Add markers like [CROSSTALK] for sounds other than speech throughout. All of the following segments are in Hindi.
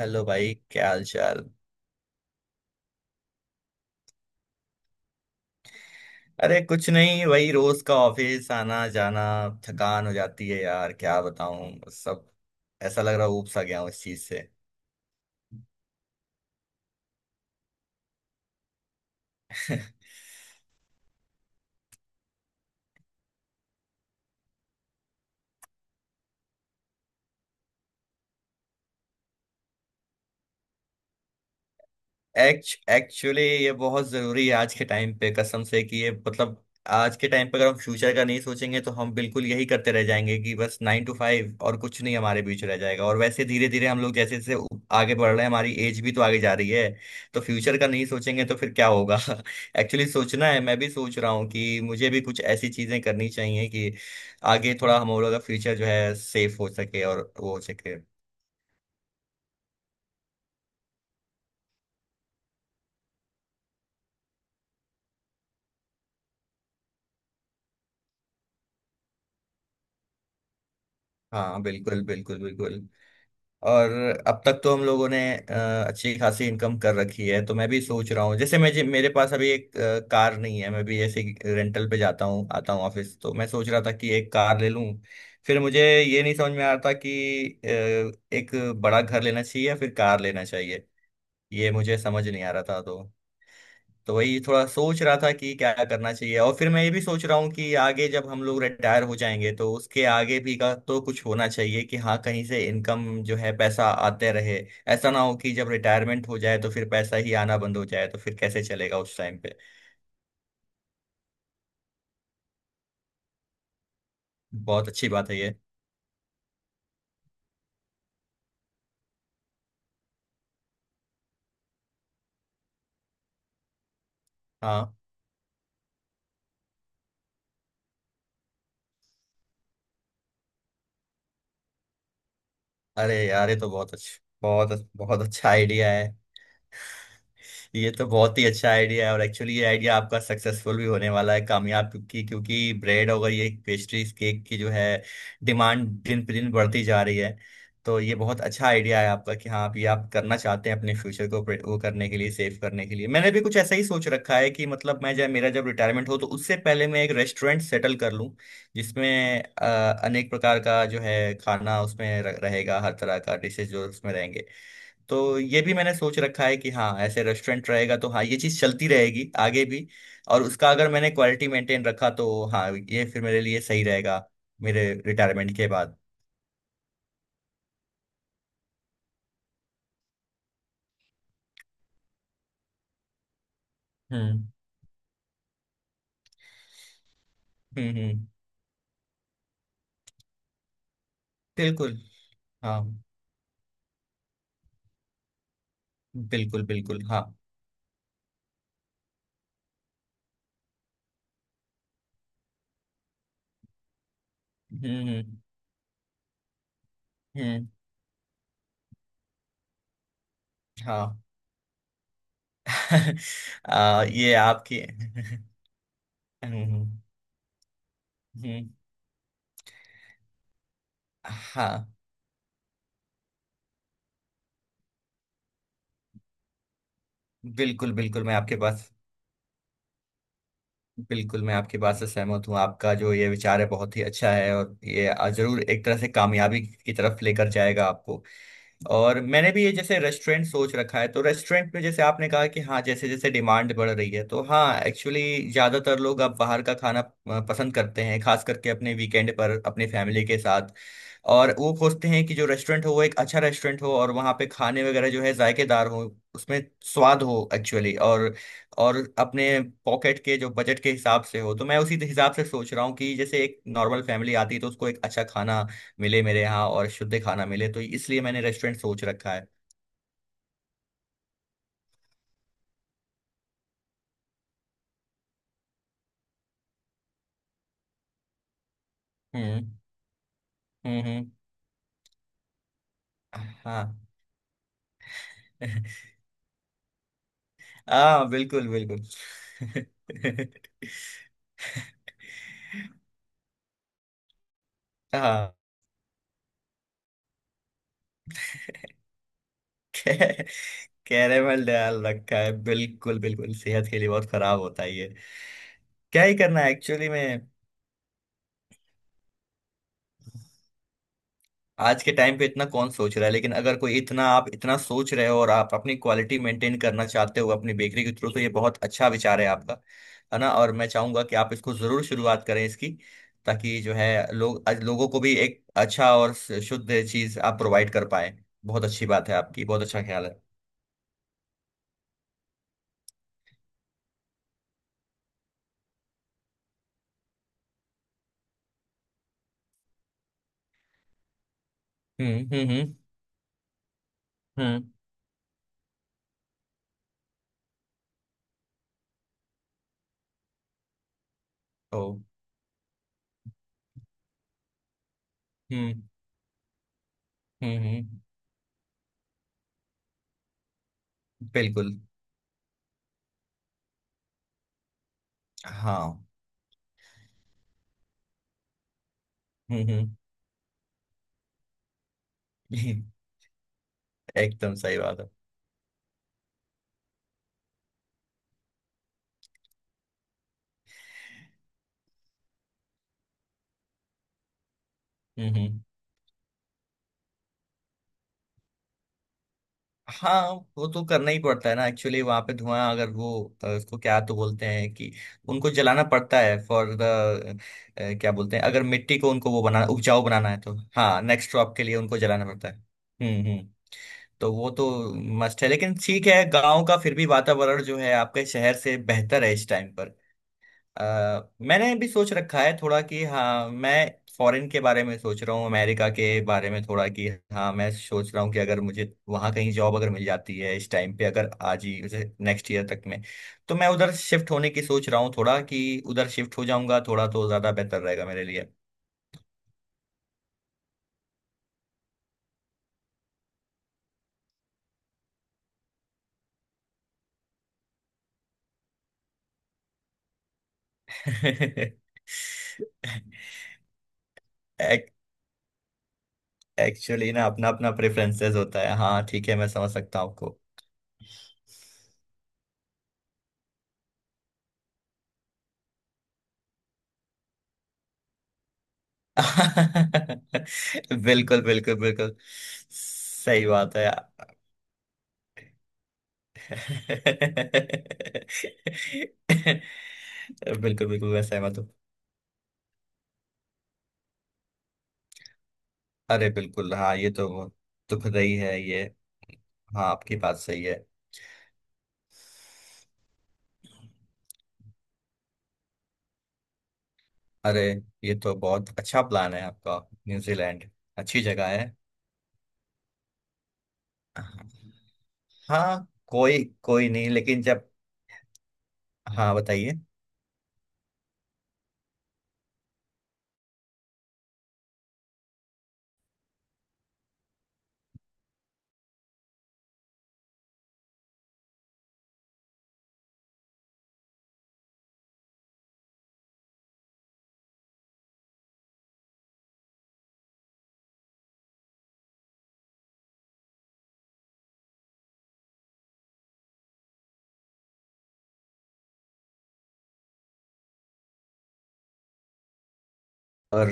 हेलो भाई, क्या हाल चाल। अरे कुछ नहीं, वही रोज का ऑफिस आना जाना। थकान हो जाती है यार, क्या बताऊं। सब ऐसा लग रहा है, ऊब सा गया हूं इस चीज से। एक्चुअली ये बहुत जरूरी है आज के टाइम पे, कसम से, कि ये मतलब, आज के टाइम पे अगर हम फ्यूचर का नहीं सोचेंगे तो हम बिल्कुल यही करते रह जाएंगे कि बस नाइन टू फाइव और कुछ नहीं हमारे बीच रह जाएगा। और वैसे धीरे धीरे हम लोग जैसे जैसे आगे बढ़ रहे हैं, हमारी एज भी तो आगे जा रही है। तो फ्यूचर का नहीं सोचेंगे तो फिर क्या होगा। [LAUGHS] एक्चुअली सोचना है। मैं भी सोच रहा हूँ कि मुझे भी कुछ ऐसी चीजें करनी चाहिए कि आगे थोड़ा हम लोगों का फ्यूचर जो है सेफ हो सके, और वो हो सके। हाँ बिल्कुल बिल्कुल बिल्कुल। और अब तक तो हम लोगों ने अच्छी खासी इनकम कर रखी है, तो मैं भी सोच रहा हूँ जैसे मैं मेरे पास अभी एक कार नहीं है, मैं भी ऐसे ही रेंटल पे जाता हूँ आता हूँ ऑफिस। तो मैं सोच रहा था कि एक कार ले लूँ। फिर मुझे ये नहीं समझ में आ रहा था कि एक बड़ा घर लेना चाहिए या फिर कार लेना चाहिए। ये मुझे समझ नहीं आ रहा था। तो वही थोड़ा सोच रहा था कि क्या करना चाहिए। और फिर मैं ये भी सोच रहा हूँ कि आगे जब हम लोग रिटायर हो जाएंगे तो उसके आगे भी का तो कुछ होना चाहिए कि हाँ, कहीं से इनकम जो है पैसा आते रहे। ऐसा ना हो कि जब रिटायरमेंट हो जाए तो फिर पैसा ही आना बंद हो जाए, तो फिर कैसे चलेगा उस टाइम पे। बहुत अच्छी बात है ये। हाँ। अरे यार, ये तो बहुत अच्छा, बहुत बहुत अच्छा आइडिया है। ये तो बहुत ही अच्छा आइडिया है, और एक्चुअली ये आइडिया आपका सक्सेसफुल भी होने वाला है, कामयाब, क्योंकि क्योंकि ब्रेड और ये पेस्ट्रीज केक की जो है डिमांड दिन पे दिन बढ़ती जा रही है। तो ये बहुत अच्छा आइडिया है आपका कि हाँ, आप ये आप करना चाहते हैं, अपने फ्यूचर को वो करने के लिए, सेव करने के लिए। मैंने भी कुछ ऐसा ही सोच रखा है कि मतलब मैं जब मेरा जब रिटायरमेंट हो तो उससे पहले मैं एक रेस्टोरेंट सेटल कर लूँ, जिसमें अ, अनेक प्रकार का जो है खाना उसमें रहेगा, हर तरह का डिशेज जो उसमें रहेंगे। तो ये भी मैंने सोच रखा है कि हाँ, ऐसे रेस्टोरेंट रहेगा तो हाँ ये चीज़ चलती रहेगी आगे भी। और उसका अगर मैंने क्वालिटी मेंटेन रखा तो हाँ, ये फिर मेरे लिए सही रहेगा, मेरे रिटायरमेंट के बाद। हम्म हम्म। हम्म। बिल्कुल। हाँ बिल्कुल बिल्कुल। हाँ। हम्म। हम्म, हाँ। [LAUGHS] ये आपकी। [LAUGHS] हम्म। हम्म, हाँ। बिल्कुल बिल्कुल, मैं आपके पास। बिल्कुल, मैं आपकी बात से सहमत हूँ। आपका जो ये विचार है बहुत ही अच्छा है, और ये जरूर एक तरह से कामयाबी की तरफ लेकर जाएगा आपको। और मैंने भी ये जैसे रेस्टोरेंट सोच रखा है, तो रेस्टोरेंट में जैसे आपने कहा कि हाँ, जैसे जैसे डिमांड बढ़ रही है तो हाँ, एक्चुअली ज्यादातर लोग अब बाहर का खाना पसंद करते हैं, खास करके अपने वीकेंड पर, अपनी फैमिली के साथ। और वो खोजते हैं कि जो रेस्टोरेंट हो वो एक अच्छा रेस्टोरेंट हो, और वहाँ पे खाने वगैरह जो है जायकेदार हो, उसमें स्वाद हो एक्चुअली। और अपने पॉकेट के जो बजट के हिसाब से हो। तो मैं उसी हिसाब से सोच रहा हूँ कि जैसे एक नॉर्मल फैमिली आती है तो उसको एक अच्छा खाना मिले मेरे यहाँ, और शुद्ध खाना मिले, तो इसलिए मैंने रेस्टोरेंट सोच रखा है। हम्म हम्म। हाँ। [LAUGHS] हाँ बिल्कुल बिल्कुल। [LAUGHS] हाँ। [LAUGHS] कै- कैरेमल डाल रखा है, बिल्कुल बिल्कुल, सेहत के लिए बहुत खराब होता है ये। क्या ही करना है एक्चुअली में। आज के टाइम पे इतना कौन सोच रहा है, लेकिन अगर कोई इतना, आप इतना सोच रहे हो और आप अपनी क्वालिटी मेंटेन करना चाहते हो अपनी बेकरी के थ्रू, तो ये बहुत अच्छा विचार है आपका। है ना। और मैं चाहूंगा कि आप इसको जरूर शुरुआत करें इसकी, ताकि जो है लोग आज लोगों को भी एक अच्छा और शुद्ध चीज आप प्रोवाइड कर पाए। बहुत अच्छी बात है आपकी, बहुत अच्छा ख्याल है। हम्म। हम्म। ओ। हम्म हम्म। हम्म, बिल्कुल। हाँ। हम्म हम्म। [LAUGHS] एकदम सही बात है। हम्म। हाँ। वो तो करना ही पड़ता है ना एक्चुअली, वहां पे धुआं अगर वो उसको क्या तो बोलते हैं कि उनको जलाना पड़ता है, फॉर द, क्या बोलते हैं, अगर मिट्टी को उनको वो बनाना, उपजाऊ बनाना है तो हाँ, नेक्स्ट क्रॉप के लिए उनको जलाना पड़ता है। हम्म। तो वो तो मस्ट है, लेकिन ठीक है, गांव का फिर भी वातावरण जो है आपके शहर से बेहतर है इस टाइम पर। अ, मैंने भी सोच रखा है थोड़ा कि हाँ, मैं फॉरेन के बारे में सोच रहा हूँ, अमेरिका के बारे में थोड़ा कि हाँ, मैं सोच रहा हूँ कि अगर मुझे वहाँ कहीं जॉब अगर मिल जाती है इस टाइम पे, अगर आज ही जैसे नेक्स्ट ईयर तक में, तो मैं उधर शिफ्ट होने की सोच रहा हूँ थोड़ा कि उधर शिफ्ट हो जाऊंगा, थोड़ा तो ज़्यादा बेहतर रहेगा मेरे लिए। [LAUGHS] एक्चुअली ना, अपना अपना प्रेफरेंसेस होता है, हाँ ठीक है, मैं समझ सकता हूँ। [LAUGHS] बिल्कुल बिल्कुल बिल्कुल। सही बात है यार। [LAUGHS] बिल्कुल बिल्कुल, मैं सहमत हूँ। अरे बिल्कुल, हाँ, ये तो बहुत दुख रही है ये। हाँ, आपकी बात सही है। अरे, ये तो बहुत अच्छा प्लान है आपका। न्यूजीलैंड अच्छी जगह है। हाँ, कोई कोई नहीं, लेकिन जब, हाँ बताइए। और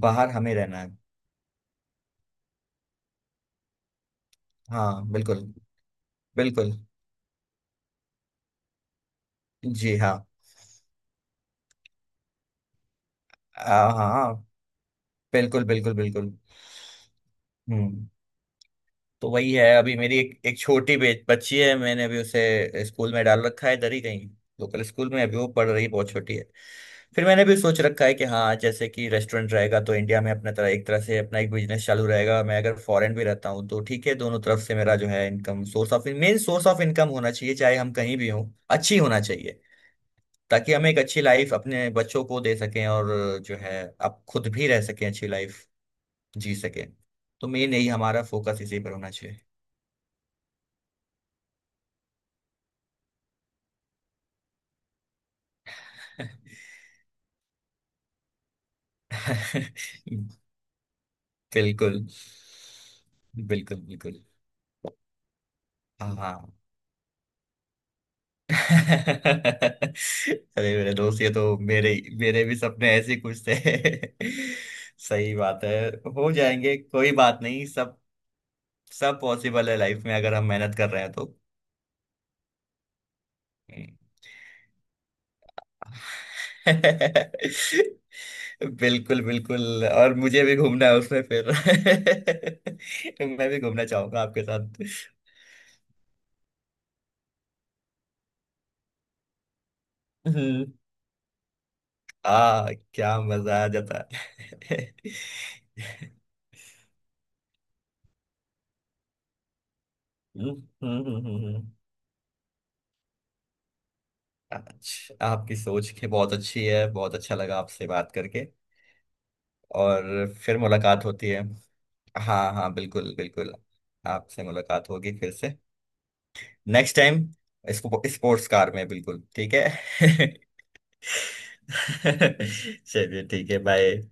बाहर हमें रहना है। हाँ बिल्कुल बिल्कुल। जी हाँ। हाँ हाँ हाँ। बिल्कुल बिल्कुल बिल्कुल। हम्म। तो वही है, अभी मेरी एक एक छोटी बच्ची है, मैंने अभी उसे स्कूल में डाल रखा है इधर ही कहीं, लोकल स्कूल में। अभी वो पढ़ रही, बहुत छोटी है। फिर मैंने भी सोच रखा है कि हाँ, जैसे कि रेस्टोरेंट रहेगा तो इंडिया में अपना तरह, एक तरह से अपना एक बिजनेस चालू रहेगा। मैं अगर फॉरेन भी रहता हूँ तो ठीक है, दोनों तरफ से मेरा जो है income source of, main source of income होना चाहिए, चाहे हम कहीं भी हों। अच्छी होना चाहिए, ताकि हम एक अच्छी लाइफ अपने बच्चों को दे सकें, और जो है आप खुद भी रह सकें, अच्छी लाइफ जी सके। तो मेन यही हमारा फोकस इसी पर होना चाहिए। [LAUGHS] बिल्कुल बिल्कुल बिल्कुल। हाँ। [LAUGHS] अरे मेरे दोस्त, ये तो मेरे, मेरे भी सपने ऐसे ही कुछ थे। [LAUGHS] सही बात है। हो जाएंगे, कोई बात नहीं, सब सब पॉसिबल है लाइफ में, अगर हम मेहनत कर रहे हैं तो। हम्म। [LAUGHS] बिल्कुल बिल्कुल, और मुझे भी घूमना है उसमें फिर। [LAUGHS] मैं भी घूमना चाहूंगा आपके साथ। हम्म, आ क्या मजा आ जाता। [LAUGHS] हम्म, हम्म, हम्म, हम्म। अच्छा, आपकी सोच के बहुत अच्छी है, बहुत अच्छा लगा आपसे बात करके। और फिर मुलाकात होती है। हाँ हाँ बिल्कुल बिल्कुल। आपसे मुलाकात होगी फिर से, नेक्स्ट टाइम, इसको स्पोर्ट्स कार में। बिल्कुल ठीक है। [LAUGHS] [LAUGHS] चलिए ठीक है, बाय।